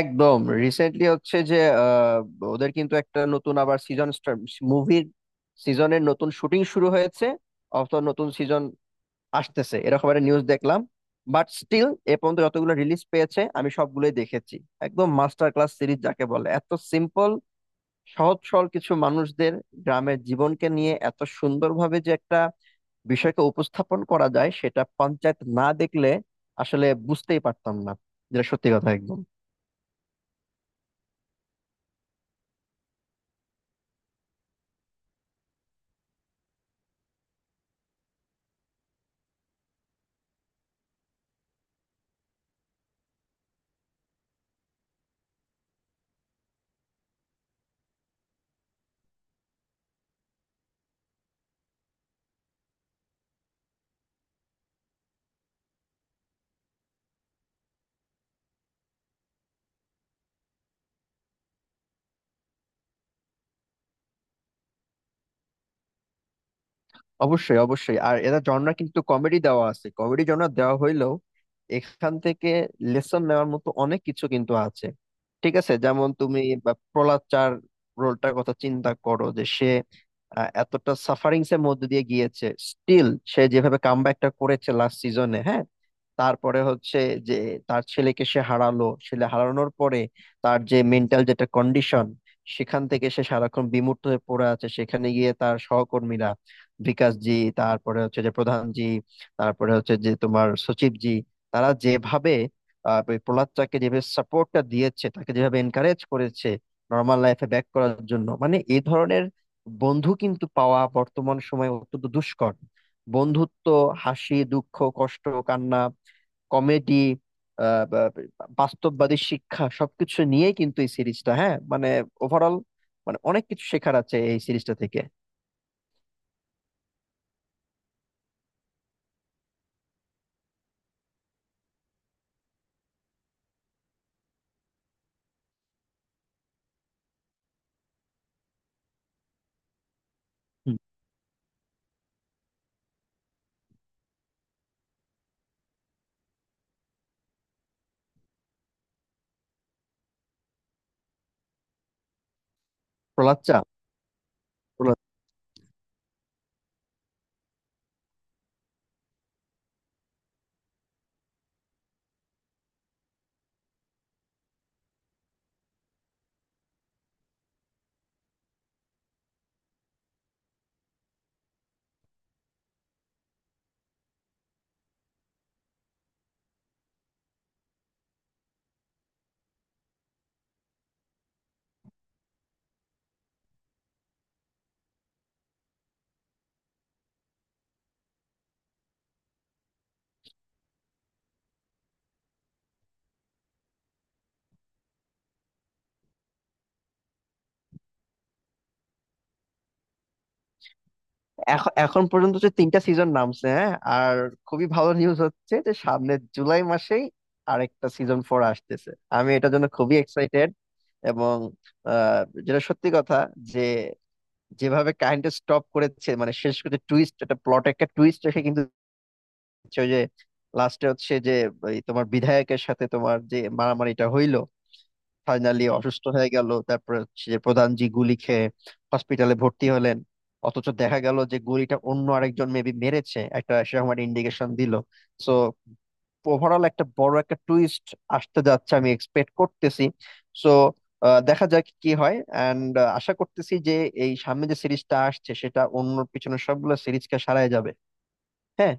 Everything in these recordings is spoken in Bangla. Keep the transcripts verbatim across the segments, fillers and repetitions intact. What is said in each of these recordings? একদম. রিসেন্টলি হচ্ছে যে আহ, ওদের কিন্তু একটা নতুন আবার সিজন, মুভির সিজনের নতুন শুটিং শুরু হয়েছে, অথবা নতুন সিজন আসতেছে এরকম একটা নিউজ দেখলাম। বাট স্টিল এ পর্যন্ত যতগুলো রিলিজ পেয়েছে আমি সবগুলোই দেখেছি। একদম মাস্টার ক্লাস সিরিজ যাকে বলে। এত সিম্পল, সহজ সরল কিছু মানুষদের, গ্রামের জীবনকে নিয়ে এত সুন্দরভাবে যে একটা বিষয়কে উপস্থাপন করা যায়, সেটা পঞ্চায়েত না দেখলে আসলে বুঝতেই পারতাম না। যেটা সত্যি কথা একদম। অবশ্যই, অবশ্যই। আর এরা জনরা কিন্তু কমেডি দেওয়া আছে, কমেডি জনরা দেওয়া হইলেও এখান থেকে লেসন নেওয়ার মতো অনেক কিছু কিন্তু আছে। ঠিক আছে, যেমন তুমি বা প্রহ্লাদ চার রোলটার কথা চিন্তা করো, যে সে আহ, এতটা সাফারিংস এর মধ্যে দিয়ে গিয়েছে। স্টিল সে যেভাবে কামব্যাকটা করেছে লাস্ট সিজনে, হ্যাঁ। তারপরে হচ্ছে যে তার ছেলেকে সে হারালো, ছেলে হারানোর পরে তার যে মেন্টাল যেটা কন্ডিশন, সেখান থেকে সে সারাক্ষণ বিমূর্ত হয়ে পড়ে আছে। সেখানে গিয়ে তার সহকর্মীরা, বিকাশ জি, তারপরে হচ্ছে যে প্রধান জি, তারপরে হচ্ছে যে তোমার সচিব জি, তারা যেভাবে আহ, ওই প্রহ্লাদটাকে যেভাবে সাপোর্টটা দিয়েছে, তাকে যেভাবে এনকারেজ করেছে নর্মাল লাইফে ব্যাক করার জন্য, মানে এই ধরনের বন্ধু কিন্তু পাওয়া বর্তমান সময়ে অত্যন্ত দুষ্কর। বন্ধুত্ব, হাসি, দুঃখ, কষ্ট, কান্না, কমেডি, বাস্তববাদী শিক্ষা সবকিছু নিয়েই কিন্তু এই সিরিজটা, হ্যাঁ মানে ওভারঅল, মানে অনেক কিছু শেখার আছে এই সিরিজটা থেকে। হুম। প্রহ্লাদ চা প্রহ্লাদ এখন, এখন পর্যন্ত যে তিনটা সিজন নামছে, হ্যাঁ। আর খুবই ভালো নিউজ হচ্ছে যে সামনে জুলাই মাসেই আরেকটা সিজন ফোর আসতেছে। আমি এটার জন্য খুবই এক্সাইটেড। এবং আহ, যেটা সত্যি কথা, যে যেভাবে কাহিনীটা স্টপ করেছে, মানে শেষ করে টুইস্ট, একটা প্লট, একটা টুইস্ট রেখে কিন্তু হচ্ছে ওই যে লাস্টে হচ্ছে যে ওই তোমার বিধায়কের সাথে তোমার যে মারামারিটা হইলো, ফাইনালি অসুস্থ হয়ে গেল, তারপর হচ্ছে যে প্রধান জি গুলি খেয়ে হসপিটালে ভর্তি হলেন। অথচ দেখা গেল যে গুলিটা অন্য আরেকজন মেবি মেরেছে, একটা সেরকম একটা ইন্ডিকেশন দিল। সো ওভারঅল একটা বড় একটা টুইস্ট আসতে যাচ্ছে আমি এক্সপেক্ট করতেছি। সো দেখা যাক কি হয়। অ্যান্ড আশা করতেছি যে এই সামনে যে সিরিজটা আসছে সেটা অন্য পিছনে সবগুলো সিরিজকে সারায় যাবে। হ্যাঁ,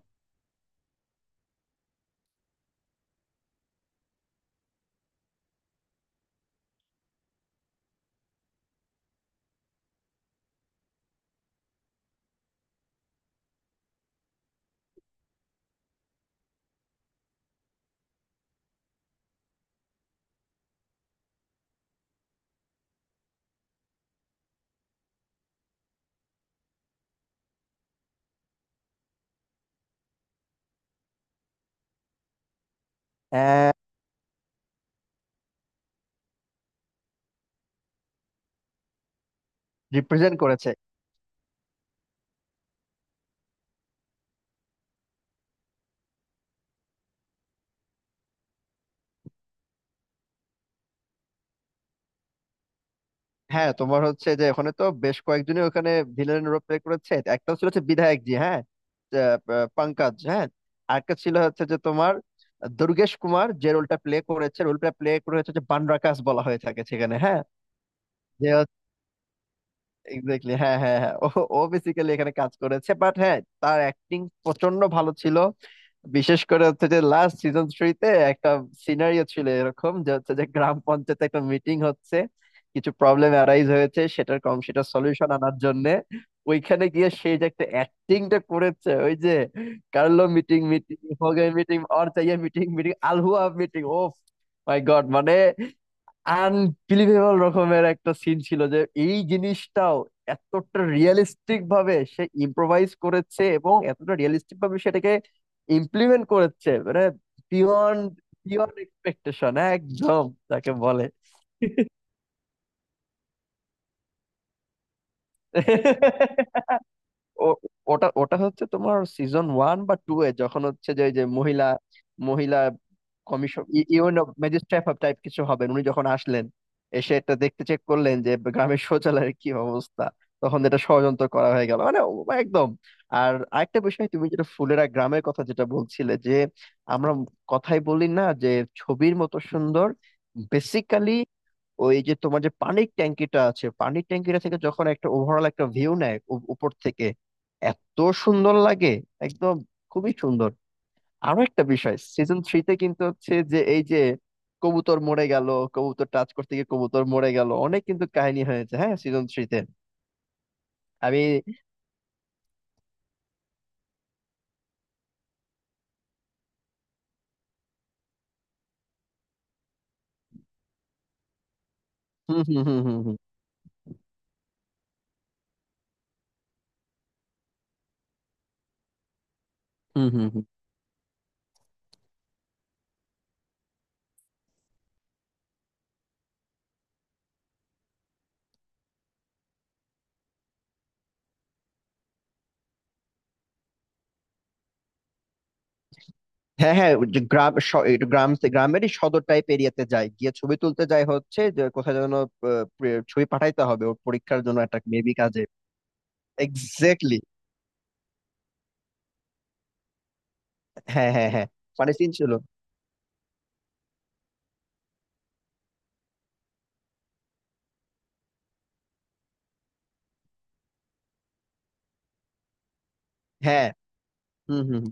রিপ্রেজেন্ট করেছে। হ্যাঁ, তোমার হচ্ছে যে ওখানে তো বেশ কয়েকজনই ওখানে ভিলেনের রোল প্লে করেছে। একটা ছিল হচ্ছে বিধায়ক জি, হ্যাঁ, আহ, আহ, পঙ্কজ, হ্যাঁ। আরেকটা ছিল হচ্ছে যে তোমার দুর্গেশ কুমার যে রোলটা প্লে করেছে, রোলটা প্লে করে হচ্ছে যে বানরাকাশ বলা হয়ে থাকে সেখানে, হ্যাঁ। যে এক্স্যাক্টলি, হ্যাঁ, হ্যাঁ, হ্যাঁ। ও ও বেসিক্যালি এখানে কাজ করেছে, বাট হ্যাঁ তার অ্যাক্টিং প্রচন্ড ভালো ছিল। বিশেষ করে হচ্ছে যে লাস্ট সিজন থ্রিতে একটা সিনারিও ছিল এরকম যে হচ্ছে যে গ্রাম পঞ্চায়েতে একটা মিটিং হচ্ছে, কিছু প্রবলেম অ্যারাইজ হয়েছে, সেটার কম, সেটা সলিউশন আনার জন্য ওইখানে গিয়ে সেই যে একটা অ্যাক্টিংটা করেছে, ওই যে কার্লো মিটিং মিটিং হোগে, মিটিং অর চাইয়ে মিটিং মিটিং আলহুয়া মিটিং। ও মাই গড, মানে আনবিলিভেবল রকমের একটা সিন ছিল যে এই জিনিসটাও এতটা রিয়েলিস্টিক ভাবে সে ইম্প্রোভাইজ করেছে এবং এতটা রিয়েলিস্টিক ভাবে সেটাকে ইমপ্লিমেন্ট করেছে মানে, বিয়ন্ড, বিয়ন্ড এক্সপেকটেশন একদম তাকে বলে। ও- ওটা ওটা হচ্ছে তোমার সিজন ওয়ান বা টু এ যখন হচ্ছে যে ওই যে মহিলা, মহিলা কমিশন, ইউন ম্যাজিস্ট্রেট অফ টাইপ কিছু হবেন উনি, যখন আসলেন, এসে এটা দেখতে চেক করলেন যে গ্রামের শৌচালয়ের কি অবস্থা, তখন এটা ষড়যন্ত্র করা হয়ে গেল মানে ও, একদম। আর আরেকটা বিষয়, তুমি যেটা ফুলেরা গ্রামের কথা যেটা বলছিলে, যে আমরা কথাই বলি না যে, ছবির মতো সুন্দর। বেসিক্যালি ওই যে তোমার যে পানির ট্যাঙ্কিটা আছে, পানির ট্যাঙ্কিটা থেকে যখন একটা ওভারঅল একটা ভিউ নেয় উ- উপর থেকে, এত সুন্দর লাগে। একদম, খুবই সুন্দর। আরো একটা বিষয়, সিজন থ্রিতে কিন্তু হচ্ছে যে এই যে কবুতর মরে গেল, কবুতর টাচ করতে গিয়ে কবুতর মরে গেল, অনেক কিন্তু কাহিনী হয়েছে, হ্যাঁ, সিজন থ্রিতে। আমি হুম, হুম, হুম, হুম, হুম, হুম, হুম, হুম। হ্যাঁ, হ্যাঁ, ওই যে গ্রাম, স- একটু গ্রাম, গ্রামেরই সদর টাইপ এরিয়াতে যায়, গিয়ে ছবি তুলতে যায়, হচ্ছে যে কোথায় যেন আহ, প্রে- ছবি পাঠাইতে হবে ওর পরীক্ষার জন্য একটা মেবি কাজে। এক্স্যাক্টলি, হ্যাঁ, হ্যাঁ, হ্যাঁ, মানে সিন ছিল। হ্যাঁ, হুম, হুম,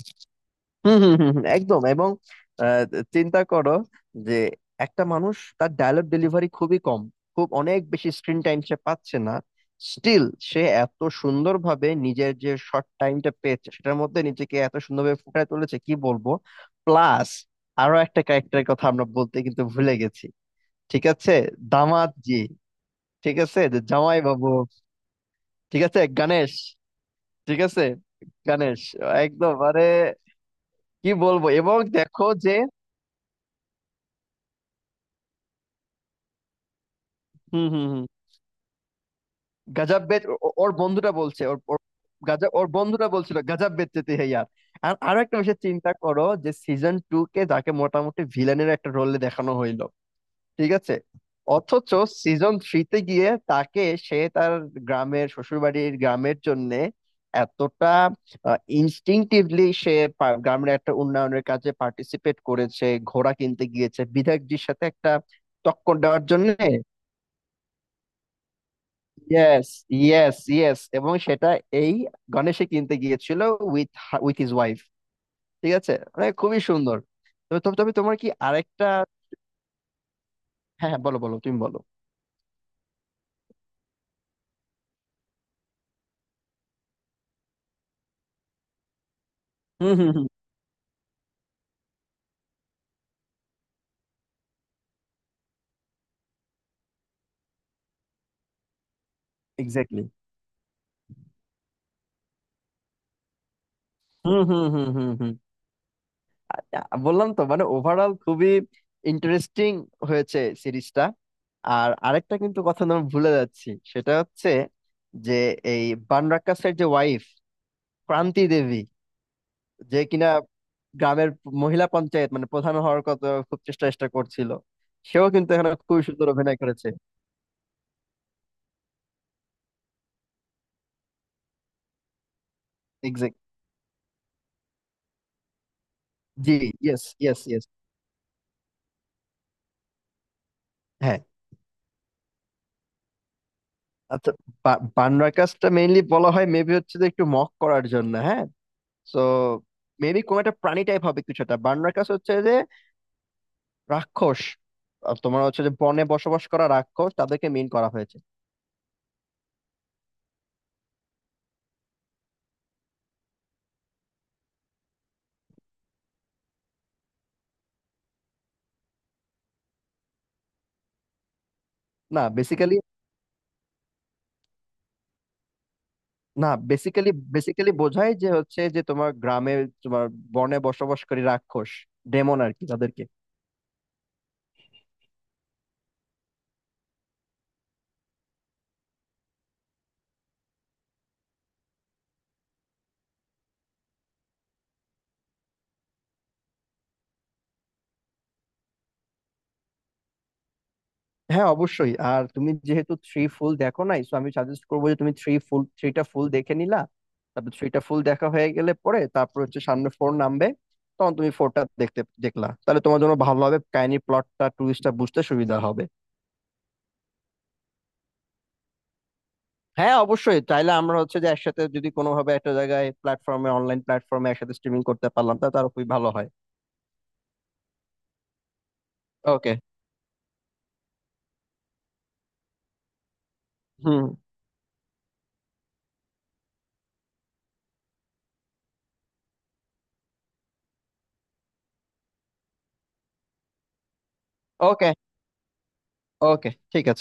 হম, হম, হম, হম, একদম। এবং আহ, চিন্তা করো যে একটা মানুষ, তার ডায়লগ ডেলিভারি খুবই কম, খুব অনেক বেশি স্ক্রিন টাইম সে পাচ্ছে না। স্টিল সে এত সুন্দরভাবে নিজের যে শর্ট টাইমটা পেয়েছে, সেটার মধ্যে নিজেকে এত সুন্দরভাবে ফুটিয়ে তুলেছে, কি বলবো। প্লাস আরো একটা ক্যারেক্টারের কথা আমরা বলতে কিন্তু ভুলে গেছি, ঠিক আছে, দামাত জি। ঠিক আছে, যে জামাই বাবু। ঠিক আছে, গণেশ। ঠিক আছে, গণেশ। একদম আরে, কি বলবো। এবং দেখো যে, হুম, হুম, হুম, গাজা বেচ, ও- ও- ওর বন্ধুটা বলছে ওর, ওর গাজা, ওর বন্ধুটা বলছিল গাজা বেচতে হে ইয়ার। আর আরো একটা বিষয় চিন্তা করো, যে সিজন টু কে যাকে মোটামুটি ভিলেনের একটা রোলে দেখানো হইলো, ঠিক আছে, অথচ সিজন থ্রিতে গিয়ে তাকে, সে তার গ্রামের শ্বশুরবাড়ির গ্রামের জন্য এতটা ইনস্টিংটিভলি সে পা- গ্রামের একটা উন্নয়নের কাজে পার্টিসিপেট করেছে, ঘোড়া কিনতে গিয়েছে বিধায়কজির সাথে একটা টক্কর দেওয়ার জন্য। ইয়েস, ইয়েস, ইয়েস, এবং সেটা এই গণেশে কিনতে গিয়েছিল, উইথ, উইথ হিজ ওয়াইফ। ঠিক আছে, মানে খুবই সুন্দর। তবে তবে তবে তোমার কি আরেকটা, হ্যাঁ, হ্যাঁ, বলো, বলো, তুমি বলো। হুম, হুম, হুম, এক্স্যাক্টলি, হুম, হুম, হুম, হুম, হুম। আচ্ছা, বললাম তো, মানে ওভারঅল খুবই ইন্টারেস্টিং হয়েছে সিরিজটা। আর আরেকটা কিন্তু কথা আমি ভুলে যাচ্ছি, সেটা হচ্ছে যে এই বানরাক্কাসের যে ওয়াইফ, ক্রান্তি দেবী, যে কিনা গ্রামের মহিলা পঞ্চায়েত মানে প্রধান হওয়ার কথা খুব চেষ্টা চেষ্টা করছিল, সেও কিন্তু এখানে খুব সুন্দর অভিনয় করেছে। এক্সাক্ট, জি, ইয়েস, ইয়েস, ইয়েস। হ্যাঁ, আচ্ছা, বা- বানরা কাজটা মেইনলি বলা হয় মেবি হচ্ছে যে একটু মক করার জন্য, হ্যাঁ। তো মেবি কোন একটা প্রাণী টাইপ হবে কিছুটা, বানরা কাজ হচ্ছে যে রাক্ষস, আর তোমার হচ্ছে যে বনে বসবাস করা রাক্ষস তাদেরকে মেইন করা হয়েছে। না বেসিক্যালি, না বেসিক্যালি, বেসিক্যালি বোঝায় যে হচ্ছে যে তোমার গ্রামে, তোমার বনে বসবাসকারী রাক্ষস, ডেমন আর কি, তাদেরকে। হ্যাঁ, অবশ্যই। আর তুমি যেহেতু থ্রি ফুল দেখো নাই, সো আমি সাজেস্ট করবো যে তুমি থ্রি ফুল থ্রিটা ফুল দেখে নিলা। তারপর থ্রিটা ফুল দেখা হয়ে গেলে পরে, তারপর হচ্ছে সামনে ফোর নামবে, তখন তুমি ফোরটা দেখতে দেখলা, তাহলে তোমার জন্য ভালো হবে, কাহিনী প্লটটা টুইস্টটা বুঝতে সুবিধা হবে। হ্যাঁ, অবশ্যই। তাইলে আমরা হচ্ছে যে একসাথে যদি কোনোভাবে একটা জায়গায় প্ল্যাটফর্মে, অনলাইন প্ল্যাটফর্মে একসাথে স্ট্রিমিং করতে পারলাম, তা তার খুবই ভালো হয়। ওকে, হুম, ওকে, ওকে, ঠিক আছে।